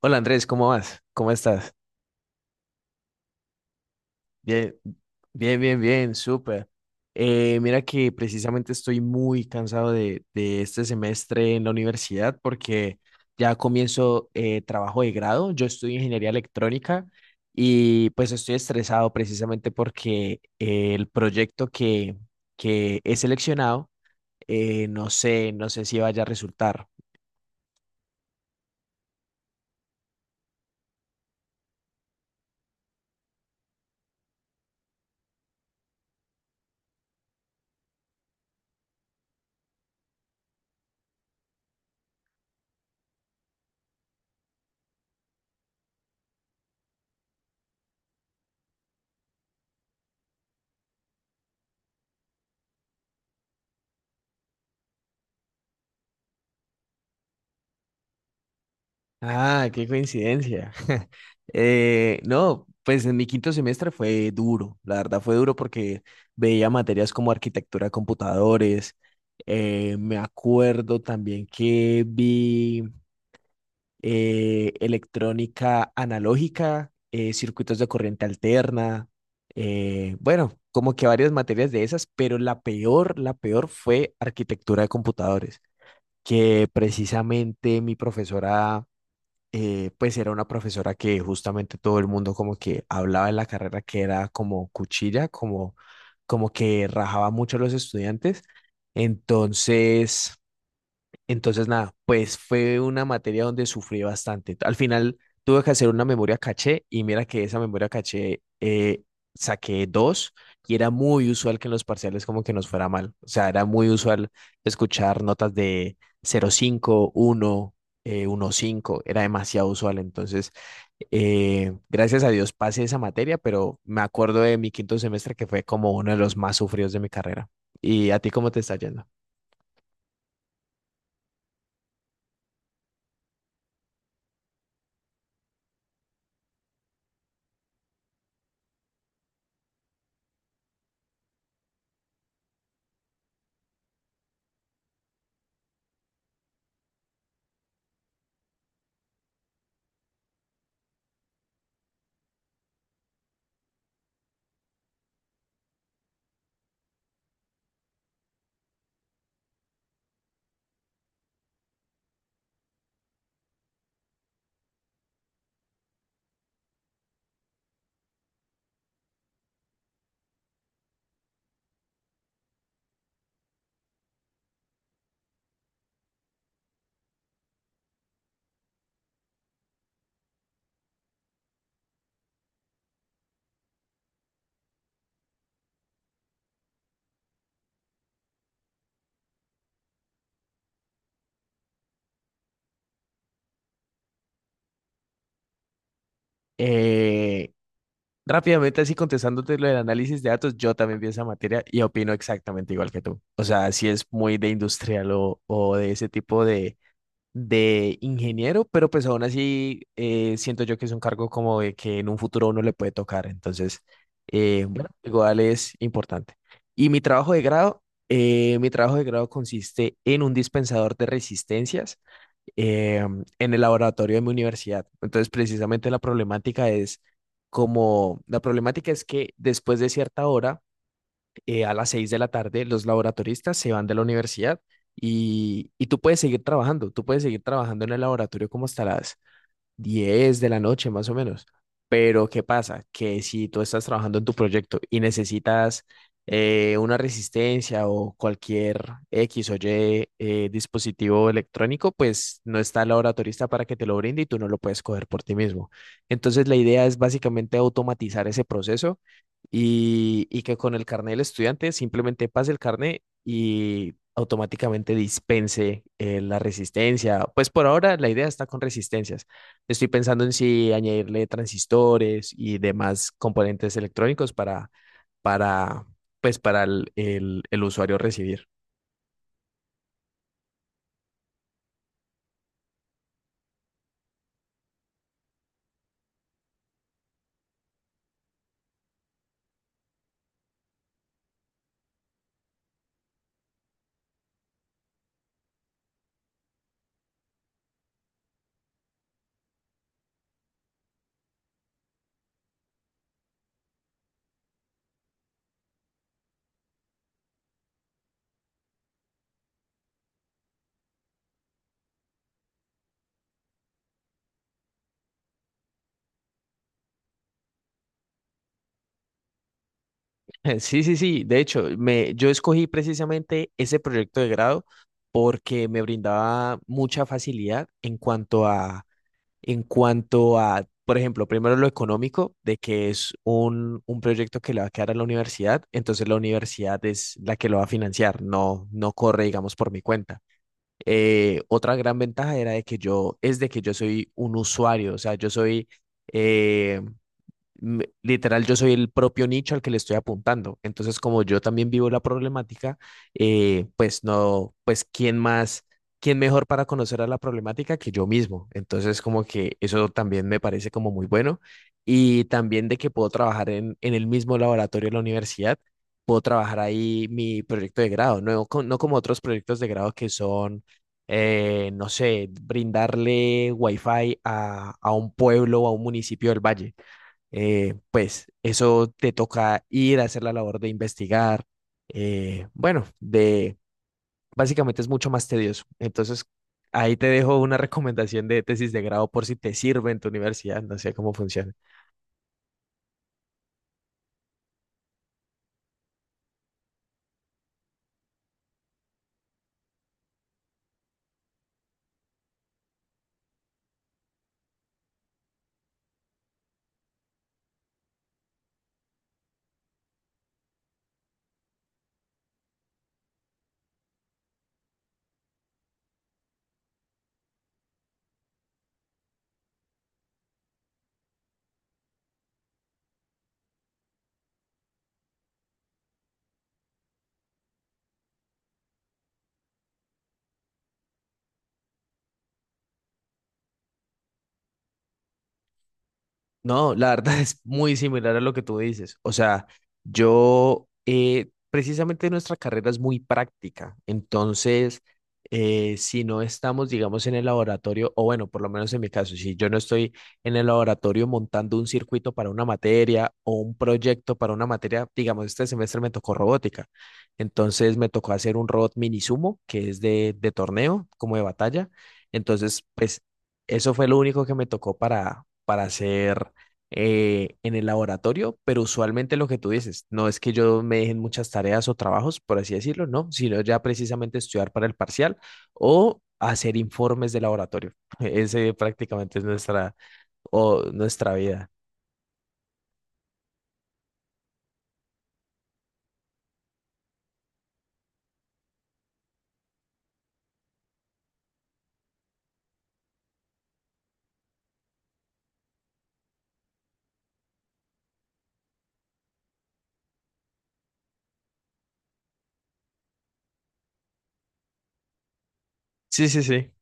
Hola Andrés, ¿cómo vas? ¿Cómo estás? Bien, bien, bien, bien, súper. Mira que precisamente estoy muy cansado de este semestre en la universidad porque ya comienzo trabajo de grado. Yo estudio ingeniería electrónica y pues estoy estresado precisamente porque el que he seleccionado, no sé si vaya a resultar. Ah, qué coincidencia. No, pues en mi quinto semestre fue duro, la verdad fue duro porque veía materias como arquitectura de computadores. Me acuerdo también que vi electrónica analógica, circuitos de corriente alterna, bueno, como que varias materias de esas, pero la peor fue arquitectura de computadores, que precisamente mi profesora, pues era una profesora que justamente todo el mundo como que hablaba en la carrera que era como cuchilla, como que rajaba mucho a los estudiantes. Entonces, entonces, nada, pues fue una materia donde sufrí bastante. Al final tuve que hacer una memoria caché y mira que esa memoria caché, saqué dos, y era muy usual que en los parciales como que nos fuera mal. O sea, era muy usual escuchar notas de 0,51, 1,5 era demasiado usual. Entonces, gracias a Dios pasé esa materia, pero me acuerdo de mi quinto semestre que fue como uno de los más sufridos de mi carrera. ¿Y a ti cómo te está yendo? Eh, Rápidamente, así contestándote lo del análisis de datos, yo también vi esa materia y opino exactamente igual que tú. O sea, si es muy de industrial o de ese tipo de ingeniero, pero pues aún así, siento yo que es un cargo como de que en un futuro uno le puede tocar. Entonces, bueno, igual es importante. Y mi trabajo de grado, mi trabajo de grado consiste en un dispensador de resistencias, eh, en el laboratorio de mi universidad. Entonces precisamente la problemática es como, la problemática es que después de cierta hora, a las 6 de la tarde los laboratoristas se van de la universidad y tú puedes seguir trabajando, tú puedes seguir trabajando en el laboratorio como hasta las 10 de la noche más o menos. Pero ¿qué pasa? Que si tú estás trabajando en tu proyecto y necesitas, una resistencia o cualquier X o Y, dispositivo electrónico, pues no está el laboratorista para que te lo brinde y tú no lo puedes coger por ti mismo. Entonces la idea es básicamente automatizar ese proceso, y que con el carnet del estudiante simplemente pase el carnet y automáticamente dispense, la resistencia. Pues por ahora la idea está con resistencias. Estoy pensando en si añadirle transistores y demás componentes electrónicos para, pues para el usuario recibir. Sí, sí, sí. De hecho, yo escogí precisamente ese proyecto de grado porque me brindaba mucha facilidad en cuanto a, por ejemplo, primero lo económico, de que es un proyecto que le va a quedar a la universidad, entonces la universidad es la que lo va a financiar, no, no corre, digamos, por mi cuenta. Otra gran ventaja era es de que yo soy un usuario, o sea, eh, literal, yo soy el propio nicho al que le estoy apuntando. Entonces, como yo también vivo la problemática, pues no, pues quién más, quién mejor para conocer a la problemática que yo mismo. Entonces, como que eso también me parece como muy bueno. Y también de que puedo trabajar en el mismo laboratorio de la universidad, puedo trabajar ahí mi proyecto de grado, no como otros proyectos de grado que son, no sé, brindarle wifi a un pueblo o a un municipio del valle. Pues eso te toca ir a hacer la labor de investigar, bueno, de básicamente es mucho más tedioso. Entonces, ahí te dejo una recomendación de tesis de grado por si te sirve en tu universidad, no sé cómo funciona. No, la verdad es muy similar a lo que tú dices. O sea, yo, precisamente nuestra carrera es muy práctica. Entonces, si no estamos, digamos, en el laboratorio, o bueno, por lo menos en mi caso, si yo no estoy en el laboratorio montando un circuito para una materia o un proyecto para una materia, digamos, este semestre me tocó robótica. Entonces, me tocó hacer un robot mini sumo, que es de torneo, como de batalla. Entonces, pues, eso fue lo único que me tocó para hacer, en el laboratorio, pero usualmente lo que tú dices, no es que yo me dejen muchas tareas o trabajos, por así decirlo, no, sino ya precisamente estudiar para el parcial o hacer informes de laboratorio. Ese prácticamente es nuestra, o nuestra vida. Sí, sí, sí.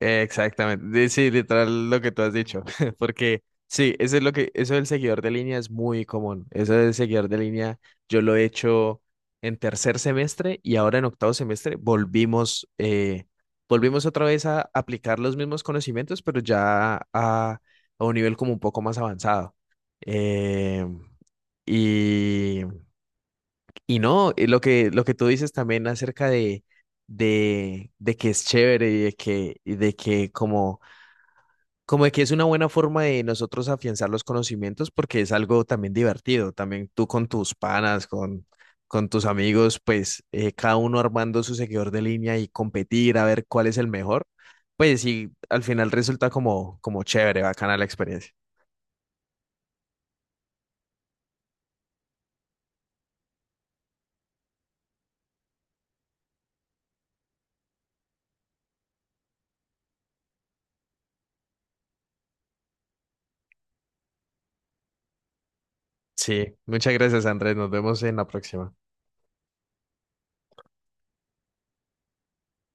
Exactamente, sí, literal lo que tú has dicho, porque sí, eso es lo que, eso del seguidor de línea es muy común, eso del seguidor de línea yo lo he hecho en tercer semestre y ahora en octavo semestre volvimos, volvimos otra vez a aplicar los mismos conocimientos, pero ya a un nivel como un poco más avanzado. Eh, y, y no, lo que tú dices también acerca de que es chévere y de que como de que es una buena forma de nosotros afianzar los conocimientos porque es algo también divertido, también tú con tus panas, con tus amigos, pues, cada uno armando su seguidor de línea y competir a ver cuál es el mejor, pues sí, al final resulta como, como chévere, bacana la experiencia. Sí, muchas gracias Andrés, nos vemos en la próxima.